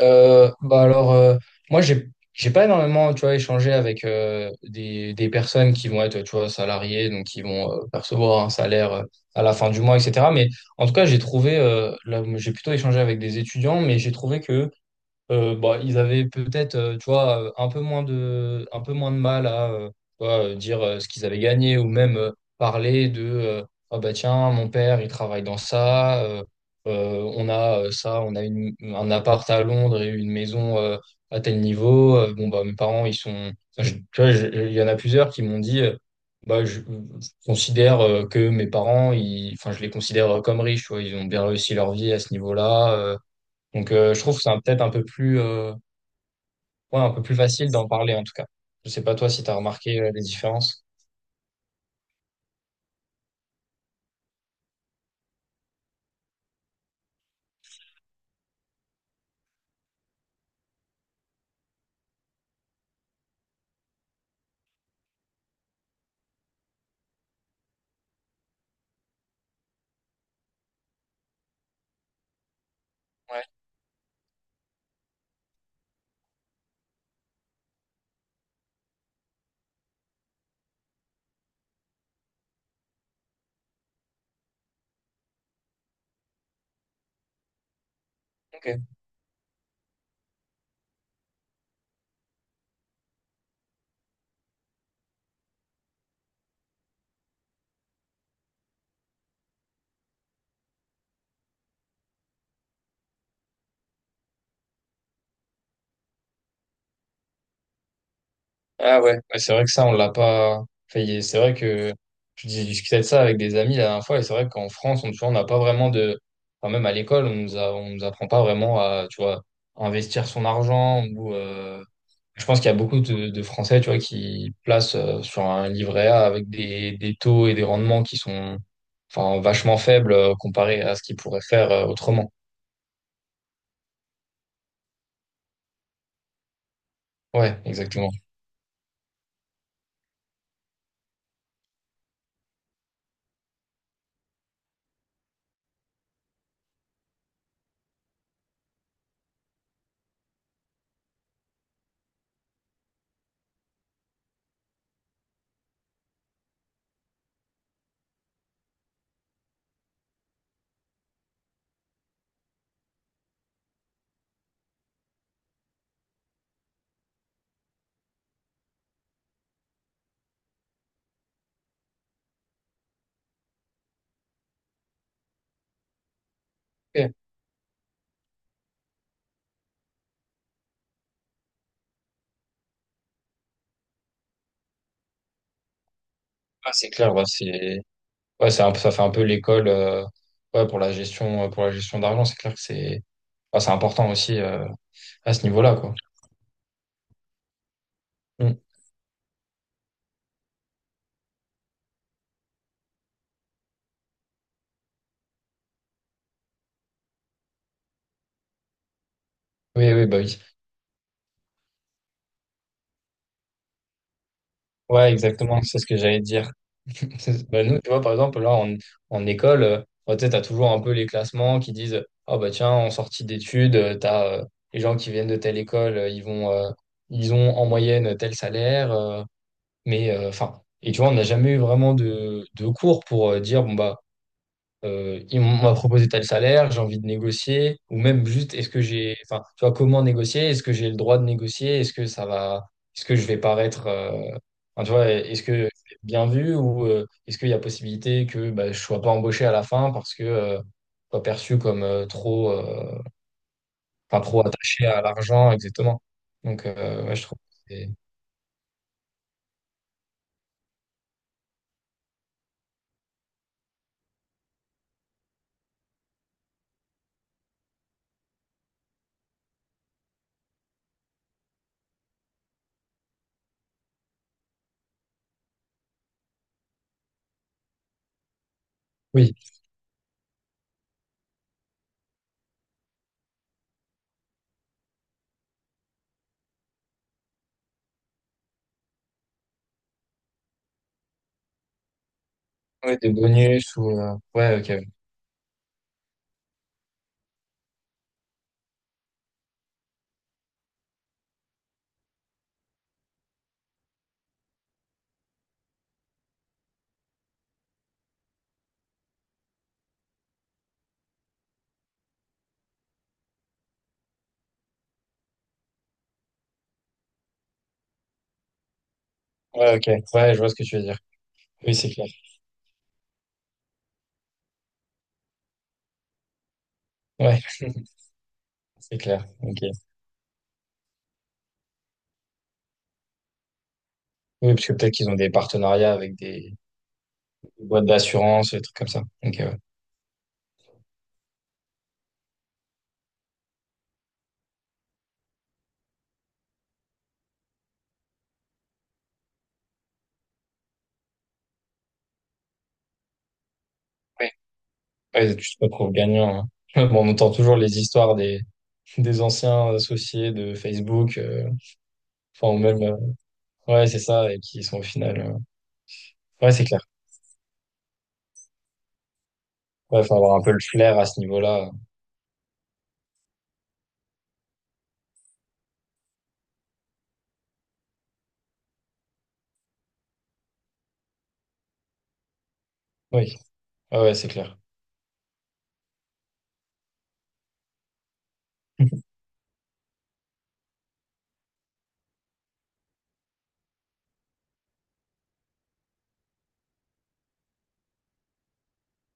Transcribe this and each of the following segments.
Bah alors, moi, j'ai pas énormément, tu vois, échangé avec des personnes qui vont être, tu vois, salariées, donc qui vont percevoir un salaire à la fin du mois, etc. Mais en tout cas, j'ai trouvé, là, j'ai plutôt échangé avec des étudiants, mais j'ai trouvé que bah, ils avaient peut-être, tu vois, un peu moins de mal à tu vois, dire ce qu'ils avaient gagné ou même parler de ah bah tiens, mon père, il travaille dans ça, on a ça, on a un appart à Londres et une maison à tel niveau. Bon, bah, mes parents, ils sont. Enfin, tu vois, il y en a plusieurs qui m'ont dit bah, je considère que mes parents, ils, enfin, je les considère comme riches, tu vois, ils ont bien réussi leur vie à ce niveau-là. Donc, je trouve que peut-être un peu plus, ouais, un peu plus facile d'en parler, en tout cas. Je sais pas toi si tu as remarqué les différences. Ouais, ok. Ah ouais, ouais, c'est vrai que ça, on l'a pas. Enfin, c'est vrai que je discutais de ça avec des amis la dernière fois, et c'est vrai qu'en France, on, tu vois, on n'a pas vraiment de. Enfin, même à l'école, on nous apprend pas vraiment à, tu vois, investir son argent ou, je pense qu'il y a beaucoup de Français, tu vois, qui placent sur un livret A avec des taux et des rendements qui sont, enfin, vachement faibles comparé à ce qu'ils pourraient faire autrement. Ouais, exactement. Ok. Ah, c'est clair, ouais, ouais, ça fait un peu l'école, ouais, pour la gestion d'argent. C'est clair que c'est, enfin, c'est important aussi à ce niveau-là, quoi. Mm. Oui, oui, bah oui. Ouais, exactement. C'est ce que j'allais dire. Bah, nous, tu vois, par exemple, là, en école, bah, tu sais, t'as toujours un peu les classements qui disent, ah bah tiens, en sortie d'études, t'as les gens qui viennent de telle école, ils vont, ils ont en moyenne tel salaire, mais enfin, et tu vois, on n'a jamais eu vraiment de cours pour dire, bon bah, m'a proposé tel salaire, j'ai envie de négocier, ou même juste est-ce que j'ai, enfin, tu vois, comment négocier, est-ce que j'ai le droit de négocier, est-ce que ça va, est-ce que je vais paraître, enfin, tu vois, est-ce que je vais être bien vu ou est-ce qu'il y a possibilité que bah, je sois pas embauché à la fin parce que je sois perçu comme trop, enfin, trop attaché à l'argent, exactement. Donc, ouais, je trouve que oui, oui, des bonus ou ouais, ok, ouais, ok, ouais, je vois ce que tu veux dire. Oui, c'est clair. Ouais, c'est clair. Ok. Oui, parce que peut-être qu'ils ont des partenariats avec des boîtes d'assurance, des trucs comme ça. Donc, ouais. Ouais, tu te retrouves gagnant. Hein. Bon, on entend toujours les histoires des anciens associés de Facebook, enfin, ou même, ouais, c'est ça, et qui sont au final, ouais, c'est clair. Ouais, faut avoir un peu le flair à ce niveau-là. Oui, ouais, ouais, c'est clair.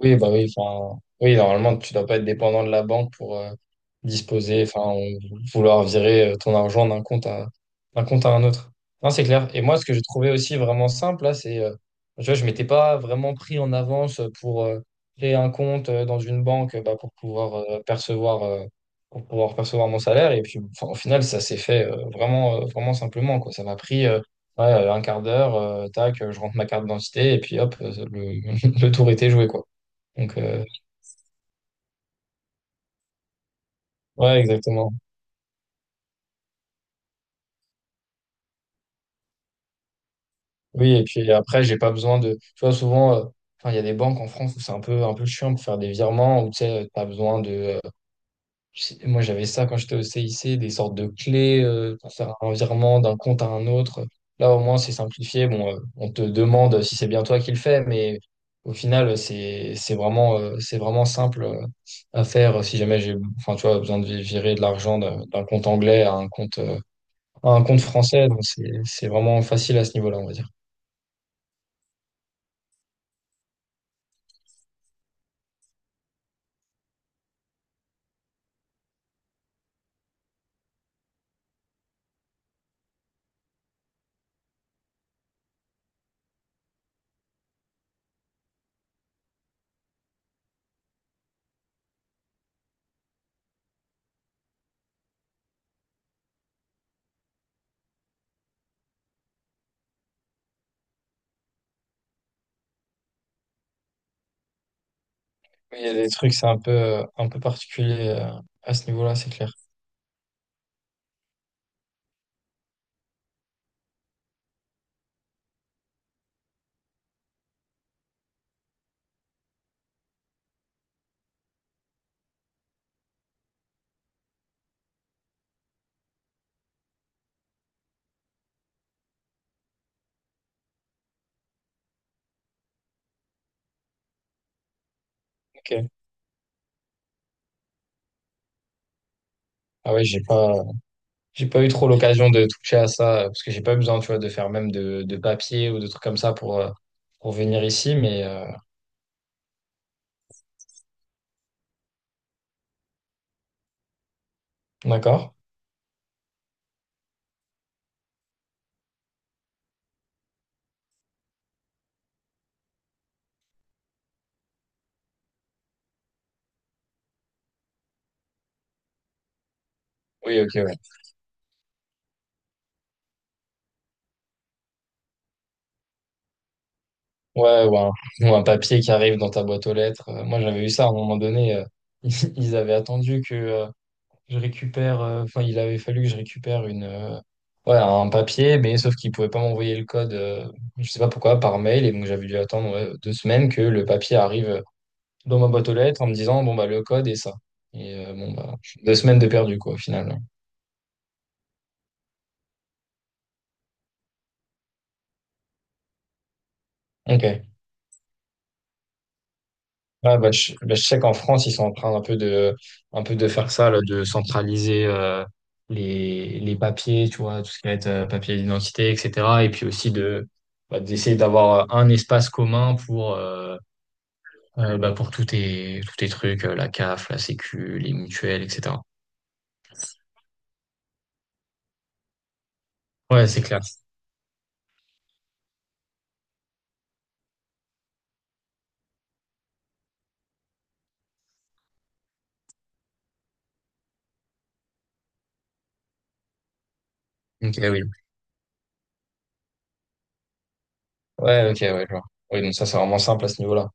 Oui, bah oui, enfin, oui, normalement, tu dois pas être dépendant de la banque pour disposer, enfin, ou vouloir virer ton argent d'un compte à un autre. Non, c'est clair. Et moi, ce que j'ai trouvé aussi vraiment simple, là, c'est, tu vois, je m'étais pas vraiment pris en avance pour créer un compte dans une banque, bah, pour pouvoir percevoir mon salaire. Et puis, enfin, au final, ça s'est fait vraiment simplement, quoi. Ça m'a pris, ouais, un quart d'heure, tac, je rentre ma carte d'identité, et puis hop, le tour était joué, quoi. Donc, ouais, exactement. Oui, et puis après, j'ai pas besoin de. Tu vois, souvent, enfin, il y a des banques en France où c'est un peu chiant pour faire des virements, où tu sais, t'as besoin de. Moi, j'avais ça quand j'étais au CIC, des sortes de clés pour faire un virement d'un compte à un autre. Là, au moins, c'est simplifié. Bon, on te demande si c'est bien toi qui le fais, mais au final, c'est vraiment simple à faire si jamais j'ai, enfin, tu vois, besoin de virer de l'argent d'un compte anglais à un compte français, donc c'est vraiment facile à ce niveau-là, on va dire. Mais il y a des trucs, c'est un peu particulier à ce niveau-là, c'est clair. Ok. Ah ouais, j'ai pas eu trop l'occasion de toucher à ça parce que j'ai pas besoin, tu vois, de faire même de papier ou de trucs comme ça pour venir ici, mais d'accord. Oui, ok, ouais. Ouais, ou un papier qui arrive dans ta boîte aux lettres. Moi, j'avais eu ça à un moment donné. Ils avaient attendu que je récupère, enfin, il avait fallu que je récupère ouais, un papier, mais sauf qu'il pouvait pas m'envoyer le code, je sais pas pourquoi, par mail, et donc j'avais dû attendre ouais, 2 semaines que le papier arrive dans ma boîte aux lettres en me disant, bon, bah, le code est ça. Et bon, bah, 2 semaines de perdu, quoi, finalement. Ok. Ouais, bah, bah, je sais qu'en France, ils sont en train un peu de, faire ça, là, de centraliser les papiers, tu vois, tout ce qui va être papier d'identité, etc. Et puis aussi de, bah, d'essayer d'avoir un espace commun pour, bah pour tous tes trucs, la CAF, la Sécu, les mutuelles, etc. Ouais, c'est clair. Ok, oui. Ouais, ok, ouais, je vois. Oui, donc ça, c'est vraiment simple à ce niveau-là.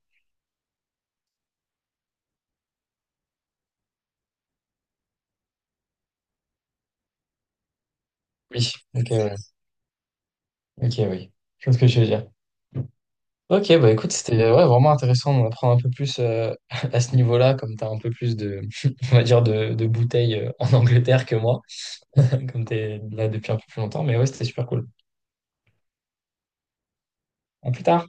Oui, ok, ouais. Ok, oui. Je vois ce que je veux dire. Ok, bah écoute, c'était ouais, vraiment intéressant d'en apprendre un peu plus à ce niveau-là, comme t'as un peu plus de, on va dire, de bouteilles en Angleterre que moi, comme t'es là depuis un peu plus longtemps. Mais ouais, c'était super cool. À plus tard.